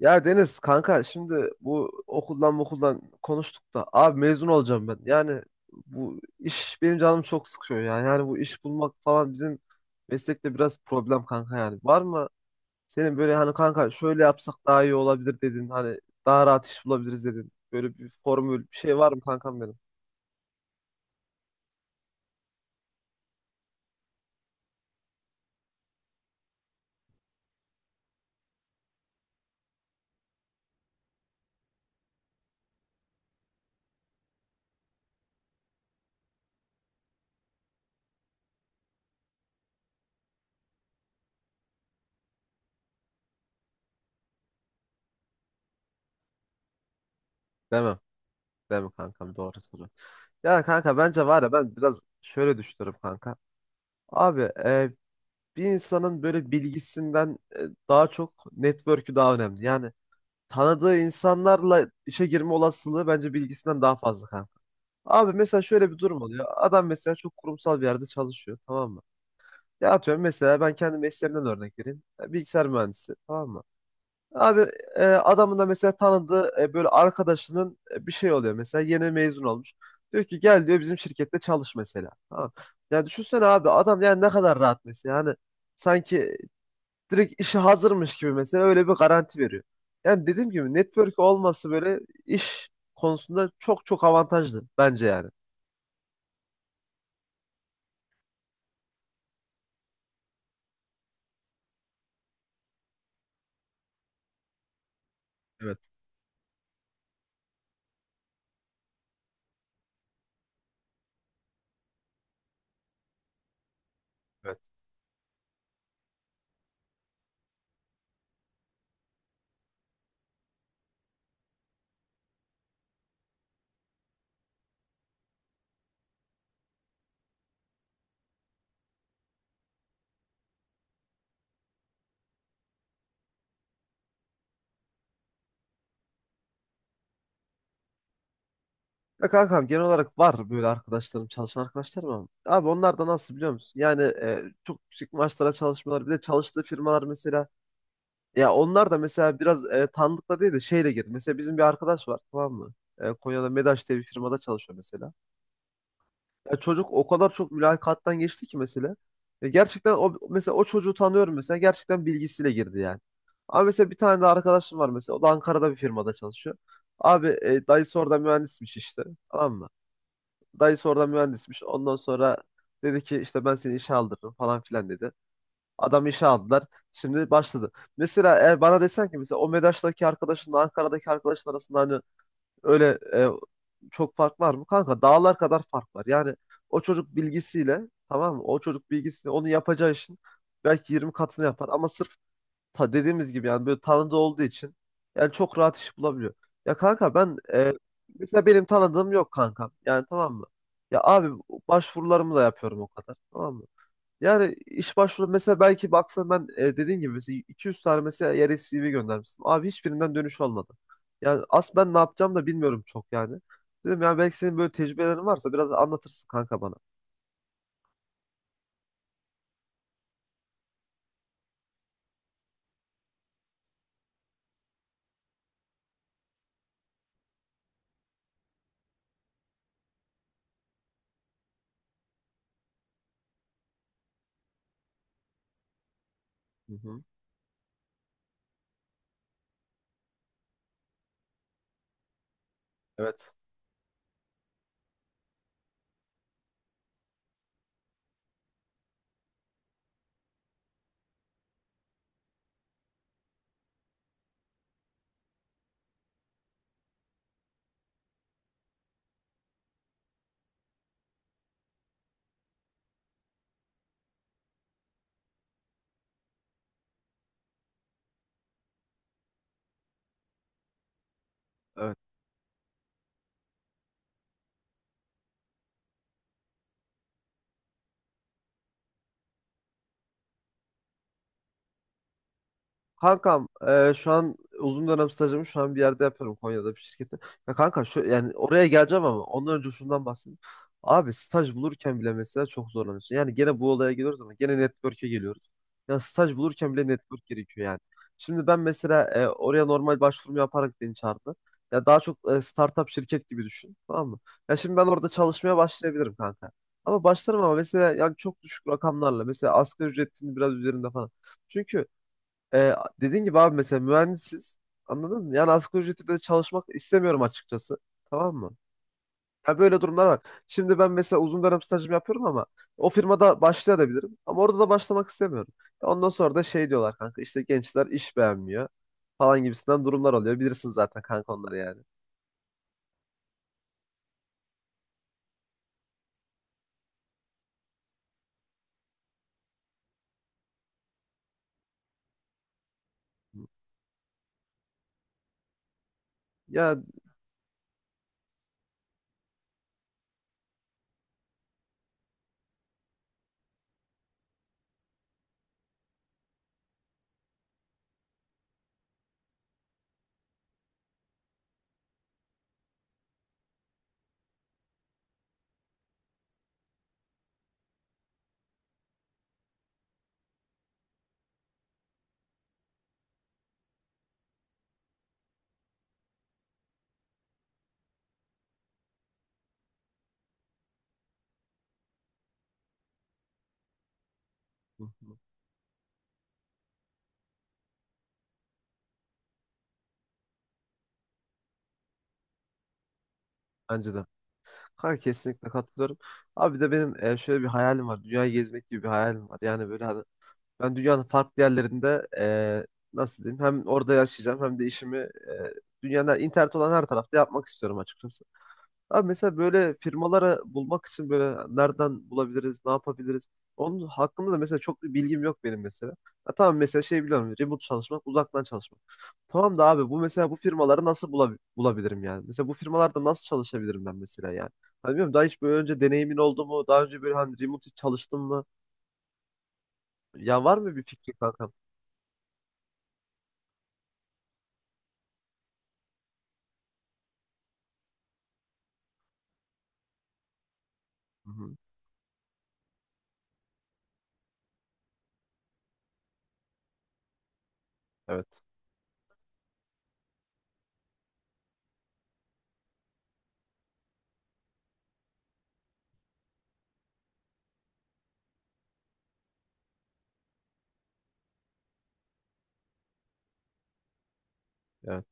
Ya Deniz kanka şimdi bu okuldan konuştuk da abi mezun olacağım ben. Yani bu iş benim canım çok sıkıyor ya. Yani bu iş bulmak falan bizim meslekte biraz problem kanka yani. Var mı senin böyle hani kanka şöyle yapsak daha iyi olabilir dedin. Hani daha rahat iş bulabiliriz dedin. Böyle bir formül bir şey var mı kankam benim? Demem. Deme kankam doğru soru. Ya kanka bence var ya ben biraz şöyle düşünüyorum kanka. Abi bir insanın böyle bilgisinden daha çok network'ü daha önemli. Yani tanıdığı insanlarla işe girme olasılığı bence bilgisinden daha fazla kanka. Abi mesela şöyle bir durum oluyor. Adam mesela çok kurumsal bir yerde çalışıyor, tamam mı? Ya atıyorum mesela ben kendi mesleğimden örnek vereyim. E, bilgisayar mühendisi tamam mı? Abi adamın da mesela tanıdığı böyle arkadaşının bir şey oluyor mesela, yeni mezun olmuş. Diyor ki gel diyor bizim şirkette çalış mesela. Tamam. Ya düşünsene abi adam yani ne kadar rahat mesela. Yani sanki direkt işi hazırmış gibi mesela, öyle bir garanti veriyor. Yani dediğim gibi network olması böyle iş konusunda çok çok avantajlı bence yani. Evet, evet. Ya kankam genel olarak var böyle arkadaşlarım, çalışan arkadaşlarım, ama abi onlar da nasıl biliyor musun? Yani çok yüksek maaşlara çalışmalar, bir de çalıştığı firmalar mesela ya onlar da mesela biraz tanıdıkla değil de şeyle girdi. Mesela bizim bir arkadaş var tamam mı? E, Konya'da Medaş diye bir firmada çalışıyor mesela. Ya çocuk o kadar çok mülakattan geçti ki mesela. Ya gerçekten o mesela, o çocuğu tanıyorum mesela, gerçekten bilgisiyle girdi yani. Ama mesela bir tane de arkadaşım var mesela. O da Ankara'da bir firmada çalışıyor. Abi dayısı orada mühendismiş işte. Tamam mı? Dayısı orada mühendismiş. Ondan sonra dedi ki işte ben seni işe aldırırım falan filan dedi. Adam işe aldılar. Şimdi başladı. Mesela eğer bana desen ki mesela o Medaş'taki arkadaşınla Ankara'daki arkadaşın arasında hani öyle çok fark var mı? Kanka dağlar kadar fark var. Yani o çocuk bilgisiyle tamam mı? O çocuk bilgisiyle onu yapacağı işin belki 20 katını yapar. Ama sırf ta dediğimiz gibi yani böyle tanıdığı olduğu için yani çok rahat iş bulabiliyor. Ya kanka ben mesela benim tanıdığım yok kanka. Yani tamam mı? Ya abi başvurularımı da yapıyorum o kadar. Tamam mı? Yani iş başvuru mesela belki baksan ben dediğin gibi mesela 200 tane mesela yere CV göndermiştim. Abi hiçbirinden dönüş olmadı. Yani aslında ben ne yapacağım da bilmiyorum çok yani. Dedim ya belki senin böyle tecrübelerin varsa biraz anlatırsın kanka bana. Hı hı. Evet. Evet. Kankam şu an uzun dönem stajımı şu an bir yerde yapıyorum, Konya'da bir şirkette. Ya kanka şu yani oraya geleceğim ama ondan önce şundan bahsedeyim. Abi staj bulurken bile mesela çok zorlanıyorsun. Yani gene bu olaya geliyoruz ama gene network'e geliyoruz. Ya staj bulurken bile network gerekiyor yani. Şimdi ben mesela oraya normal başvurumu yaparak beni çağırdılar. Ya daha çok startup şirket gibi düşün. Tamam mı? Ya şimdi ben orada çalışmaya başlayabilirim kanka. Ama başlarım ama mesela yani çok düşük rakamlarla. Mesela asgari ücretin biraz üzerinde falan. Çünkü ee, dediğin gibi abi mesela mühendisiz, anladın mı? Yani asgari ücretle de çalışmak istemiyorum açıkçası. Tamam mı? Ya böyle durumlar var. Şimdi ben mesela uzun dönem stajımı yapıyorum ama o firmada başlayabilirim. Ama orada da başlamak istemiyorum. Ya ondan sonra da şey diyorlar kanka işte gençler iş beğenmiyor falan gibisinden durumlar oluyor. Bilirsin zaten kanka onları yani. Ya bence de. Kanka kesinlikle katılıyorum. Abi bir de benim şöyle bir hayalim var. Dünyayı gezmek gibi bir hayalim var. Yani böyle ben dünyanın farklı yerlerinde nasıl diyeyim, hem orada yaşayacağım hem de işimi dünyanın internet olan her tarafta yapmak istiyorum açıkçası. Abi mesela böyle firmaları bulmak için böyle nereden bulabiliriz, ne yapabiliriz? Onun hakkında da mesela çok bir bilgim yok benim mesela. Ha, tamam mesela şey biliyorum, remote çalışmak, uzaktan çalışmak. Tamam da abi bu mesela bu firmaları nasıl bulabilirim yani? Mesela bu firmalarda nasıl çalışabilirim ben mesela yani? Hani bilmiyorum, daha hiç böyle önce deneyimin oldu mu? Daha önce böyle hani remote çalıştın mı? Ya var mı bir fikri kankam? Hı hı. Evet. Evet.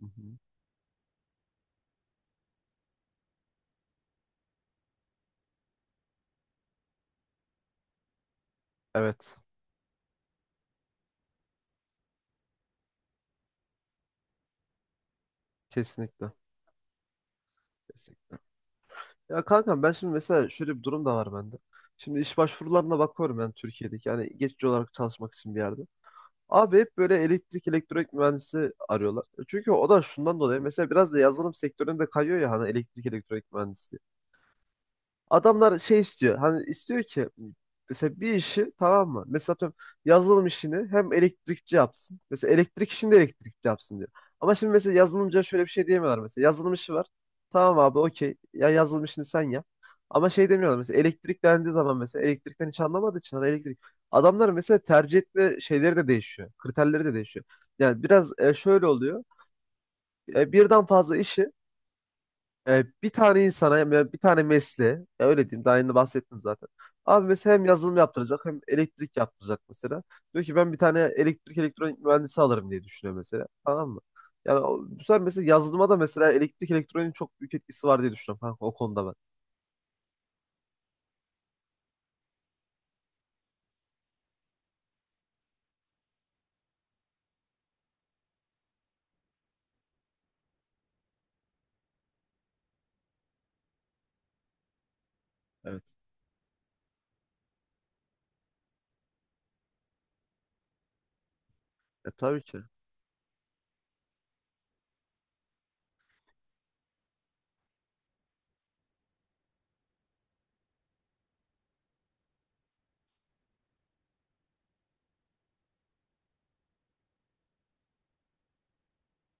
Hı hı. Evet. Kesinlikle. Kesinlikle. Ya kankam ben şimdi mesela şöyle bir durum da var bende. Şimdi iş başvurularına bakıyorum ben, Türkiye'deki. Yani geçici olarak çalışmak için bir yerde. Abi hep böyle elektrik elektronik mühendisi arıyorlar. E, çünkü o da şundan dolayı mesela biraz da yazılım sektöründe kayıyor ya hani elektrik elektronik mühendisi. Adamlar şey istiyor. Hani istiyor ki mesela bir işi, tamam mı? Mesela atıyorum yazılım işini hem elektrikçi yapsın. Mesela elektrik işini de elektrikçi yapsın diyor. Ama şimdi mesela yazılımcıya şöyle bir şey diyemiyorlar mesela. Yazılım işi var. Tamam abi okey. Ya yazılım işini sen yap. Ama şey demiyorlar mesela elektrik dendiği zaman mesela elektrikten hiç anlamadığı için hani elektrik. Adamlar mesela tercih etme şeyleri de değişiyor. Kriterleri de değişiyor. Yani biraz şöyle oluyor. E, birden fazla işi bir tane insana ya bir tane mesleğe ya öyle diyeyim, daha yeni bahsettim zaten. Abi mesela hem yazılım yaptıracak hem elektrik yaptıracak mesela. Diyor ki ben bir tane elektrik elektronik mühendisi alırım diye düşünüyor mesela. Tamam mı? Yani o- bu sefer mesela yazılıma da mesela elektrik elektroniğin çok büyük etkisi var diye düşünüyorum kanka o konuda ben. Evet. E, tabii ki.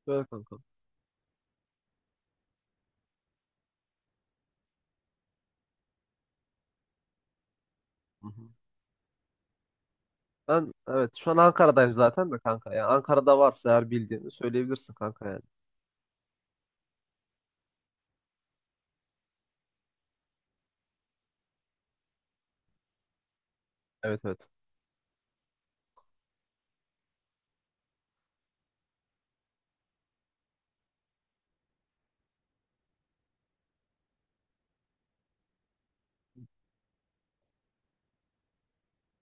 Böyle kanka. Hı hı. Ben, evet, şu an Ankara'dayım zaten de kanka. Yani Ankara'da varsa eğer bildiğini söyleyebilirsin kanka yani. Evet evet.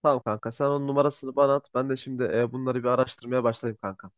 Tamam kanka sen onun numarasını bana at. Ben de şimdi bunları bir araştırmaya başlayayım kanka.